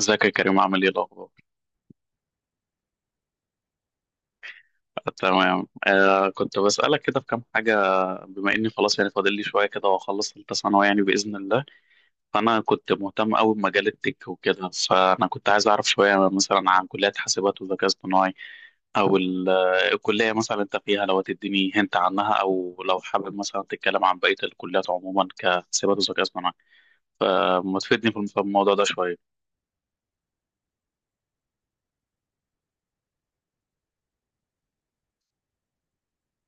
ازيك يا كريم، عامل ايه الاخبار؟ آه، تمام. كنت بسالك كده في كام حاجه. بما اني خلاص يعني فاضل لي شويه كده واخلص ثالثه ثانوي يعني باذن الله. فانا كنت مهتم قوي بمجال التك وكده، فانا كنت عايز اعرف شويه مثلا عن كليه حاسبات وذكاء اصطناعي. او الكليه مثلا انت فيها لو تديني هنت عنها، او لو حابب مثلا تتكلم عن بقيه الكليات عموما كحاسبات وذكاء اصطناعي، فما تفيدني في الموضوع ده شويه.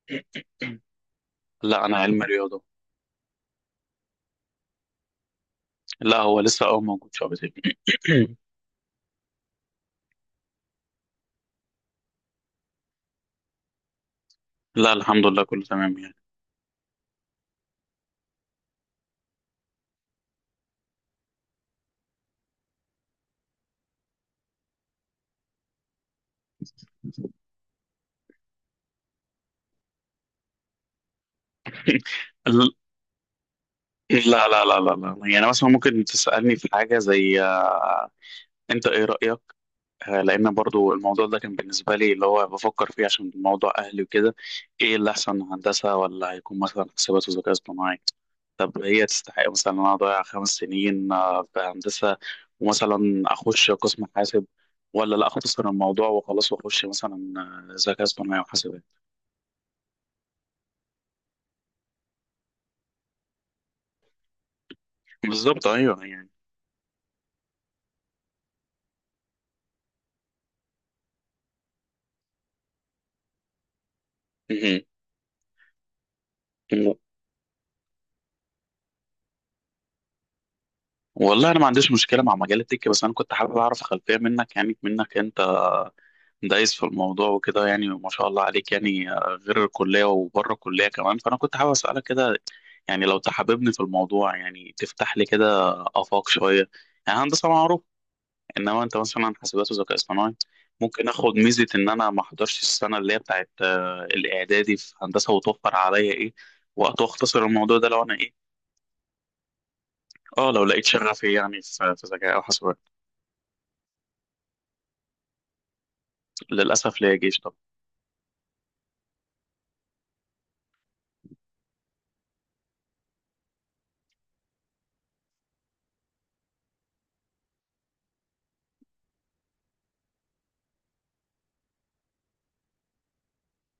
لا انا علم رياضه. لا هو لسه موجود شويه. لا الحمد لله كله تمام يعني. ال- لا لا لا لا لا، يعني مثلا ممكن تسألني في حاجة زي انت ايه رأيك؟ لان برضو الموضوع ده كان بالنسبة لي اللي هو بفكر فيه عشان موضوع اهلي وكده، ايه اللي احسن، هندسة ولا هيكون مثلا حسابات وذكاء اصطناعي؟ طب هي تستحق مثلا ان انا اضيع 5 سنين في هندسة ومثلا اخش قسم حاسب، ولا لا اختصر الموضوع وخلاص واخش مثلا ذكاء اصطناعي وحاسبات؟ بالظبط، ايوه يعني. مهم. والله انا ما عنديش مشكله مع مجال التك، بس انا كنت حابب اعرف خلفيه منك، يعني منك انت دايس في الموضوع وكده، يعني ما شاء الله عليك، يعني غير الكليه وبره الكليه كمان، فانا كنت حابب اسالك كده، يعني لو تحببني في الموضوع يعني تفتح لي كده افاق شويه. يعني هندسه معروف، انما انت مثلا حاسبات وذكاء اصطناعي ممكن اخد ميزه ان انا ما احضرش السنه اللي هي بتاعت الاعدادي في هندسه، وتوفر عليا ايه، وقت، واختصر الموضوع ده لو انا ايه، اه لو لقيت شغفي يعني في ذكاء او حاسبات. للأسف ليا جيش طبعا.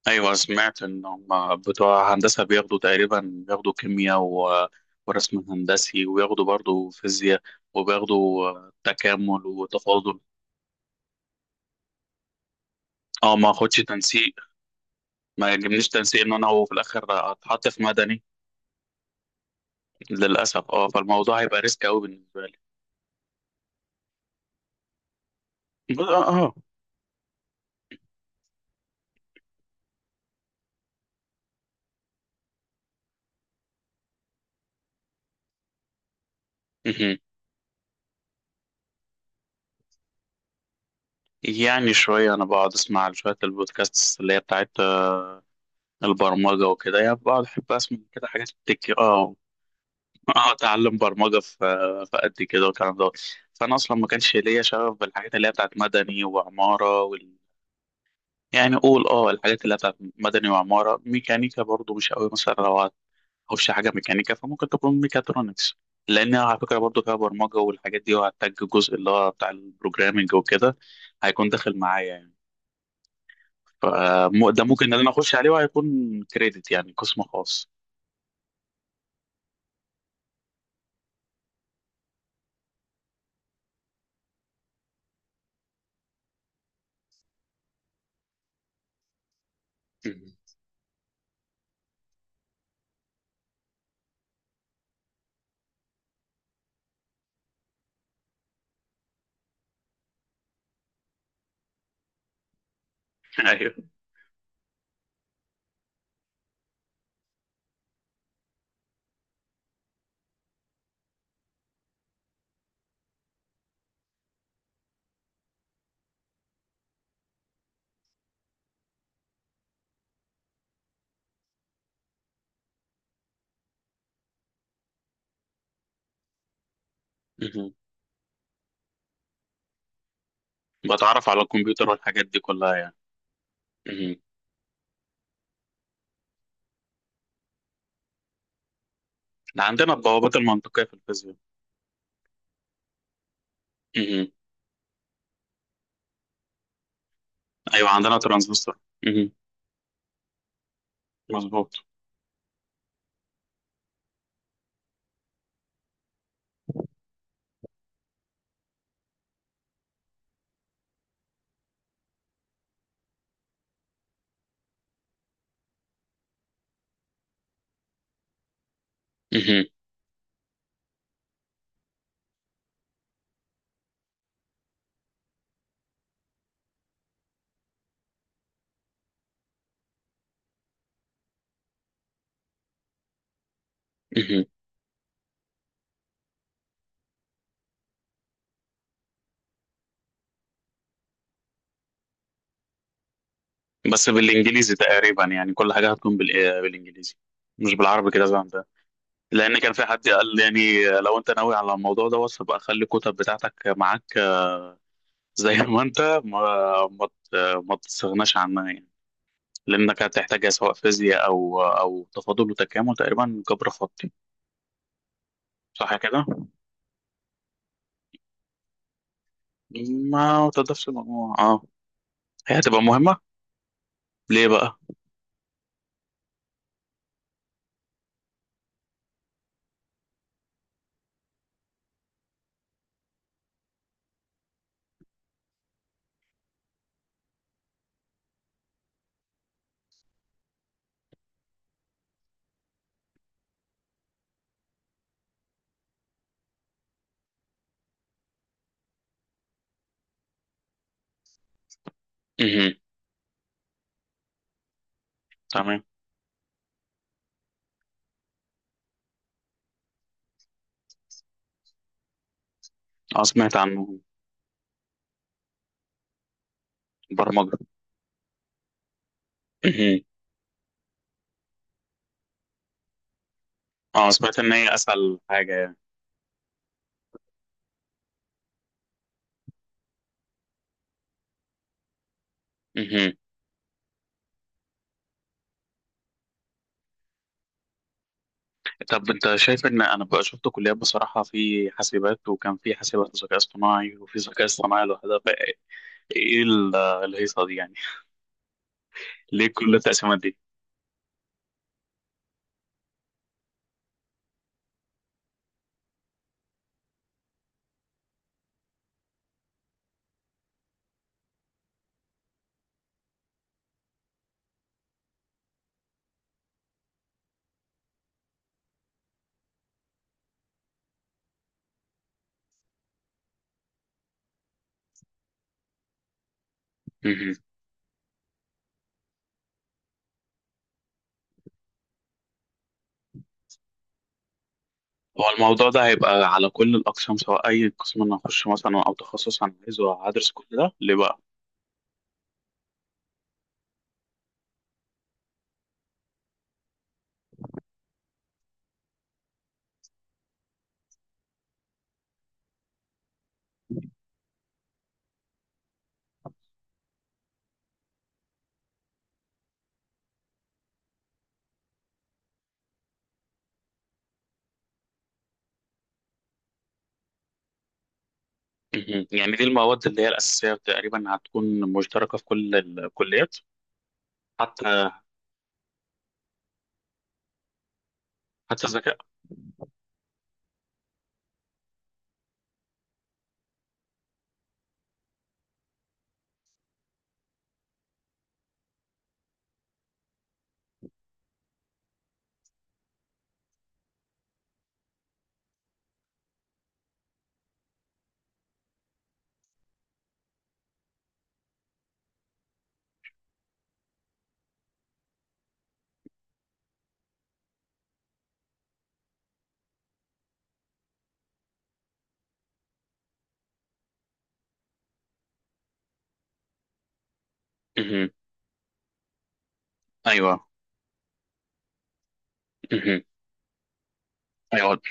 أيوة، سمعت إن هم بتوع هندسة بياخدوا تقريبا، بياخدوا كيمياء ورسم هندسي، وياخدوا برضو فيزياء، وبياخدوا تكامل وتفاضل. اه ما اخدش تنسيق، ما يجبنيش تنسيق ان انا هو في الاخر اتحط في مدني، للاسف. اه فالموضوع هيبقى ريسك قوي بالنسبه لي. ب- اه اه مهم. يعني شويه انا بقعد اسمع شويه البودكاست اللي هي بتاعت البرمجه وكده، يعني بقعد احب اسمع كده حاجات بتك اه اه اتعلم برمجه في في قد كده والكلام ده. فانا اصلا ما كانش ليا شغف بالحاجات اللي هي بتاعت مدني وعماره يعني قول الحاجات اللي هي بتاعت مدني وعماره. ميكانيكا برضو مش قوي، مثلا لو هخش حاجه ميكانيكا فممكن تكون ميكاترونكس، لان على فكره برضو فيها برمجه والحاجات دي، وهحتاج الجزء اللي هو بتاع البروجرامنج وكده هيكون داخل معايا يعني. فده ممكن ان انا اخش عليه، وهيكون كريدت يعني قسم خاص. مهم. ايوه. مهم. بتعرف على الكمبيوتر والحاجات دي كلها. يعني ده عندنا البوابات المنطقية في الفيزياء. مهم. أيوة، عندنا ترانزستور. مهم. مظبوط. مهم. مهم. بس بالإنجليزي تقريبا، يعني كل حاجة هتكون بالإنجليزي، مش بالعربي كده زي عندنا. لأن كان في حد قال لي، يعني لو أنت ناوي على الموضوع دوت، فبقى خلي الكتب بتاعتك معاك، زي ما أنت ما ت- ما تستغناش عنها يعني، لأنك هتحتاجها سواء فيزياء، أو تفاضل وتكامل، تقريبا جبر خطي. صح كده؟ ما تضافش المجموع، اه. هي هتبقى مهمة. ليه بقى؟ تمام. اه سمعت عنه. برمجة. مهم. اه سمعت ان هي اسهل حاجة يعني. مهم. طب انت شايف، ان انا بقى شفت كليات بصراحة، في حاسبات، وكان في حاسبات وذكاء اصطناعي، وفي ذكاء اصطناعي لوحدها، فايه الهيصة دي يعني؟ ليه كل التقسيمات دي؟ مهم. هو الموضوع ده هيبقى على كل الاقسام، سواء اي قسم انا هخش مثلا او تخصص انا عايزه، هدرس كل ده ليه بقى؟ مهم. يعني دي المواد اللي هي الاساسية تقريبا هتكون مشتركة في كل الكليات، حتى حتى الذكاء. ايوه. مهم. ايوه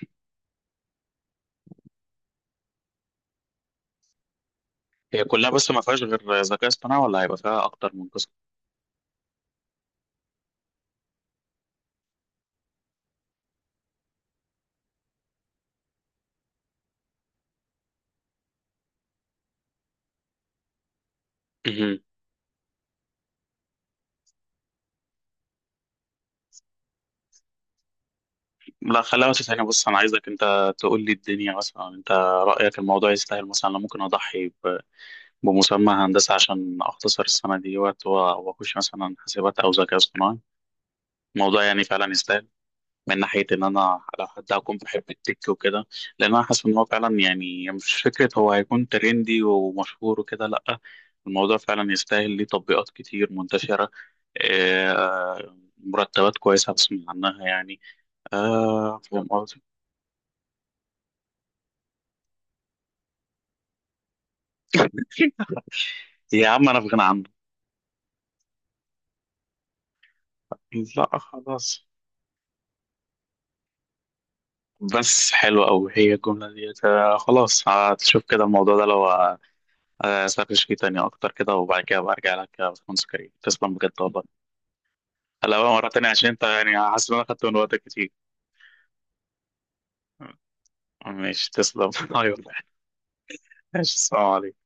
هي كلها، بس ما فيهاش غير ذكاء اصطناعي، ولا هيبقى فيها اكتر من قسم؟ مهم. لا خليها بس ثانية، بص أنا عايزك أنت تقول لي الدنيا، مثلا أنت رأيك الموضوع يستاهل، مثلا أنا ممكن أضحي بمسمى هندسة عشان أختصر السنة دي وقت و- وأخش مثلا حاسبات أو ذكاء اصطناعي. الموضوع يعني فعلا يستاهل من ناحية إن أنا لو حد هكون بحب التك وكده؟ لأن أنا حاسس إن هو فعلا، يعني مش فكرة هو هيكون ترندي ومشهور وكده، لأ الموضوع فعلا يستاهل، ليه تطبيقات كتير منتشرة، مرتبات كويسة بسمع عنها يعني، فاهم قصدي؟ يا عم أنا في غنى عنه. لأ خلاص. بس حلوة أوي هي الجملة ديت. خلاص هتشوف كده الموضوع ده لو سرش فيه تاني أكتر كده، وبعد كده برجع لك يا باشمهندس كريم. تسلم بجد والله. لا بقى، مرة تانية، عشان انت يعني حاسس ان انا خدت من وقتك كتير. ماشي، تسلم. ايوه. ماشي، السلام عليكم.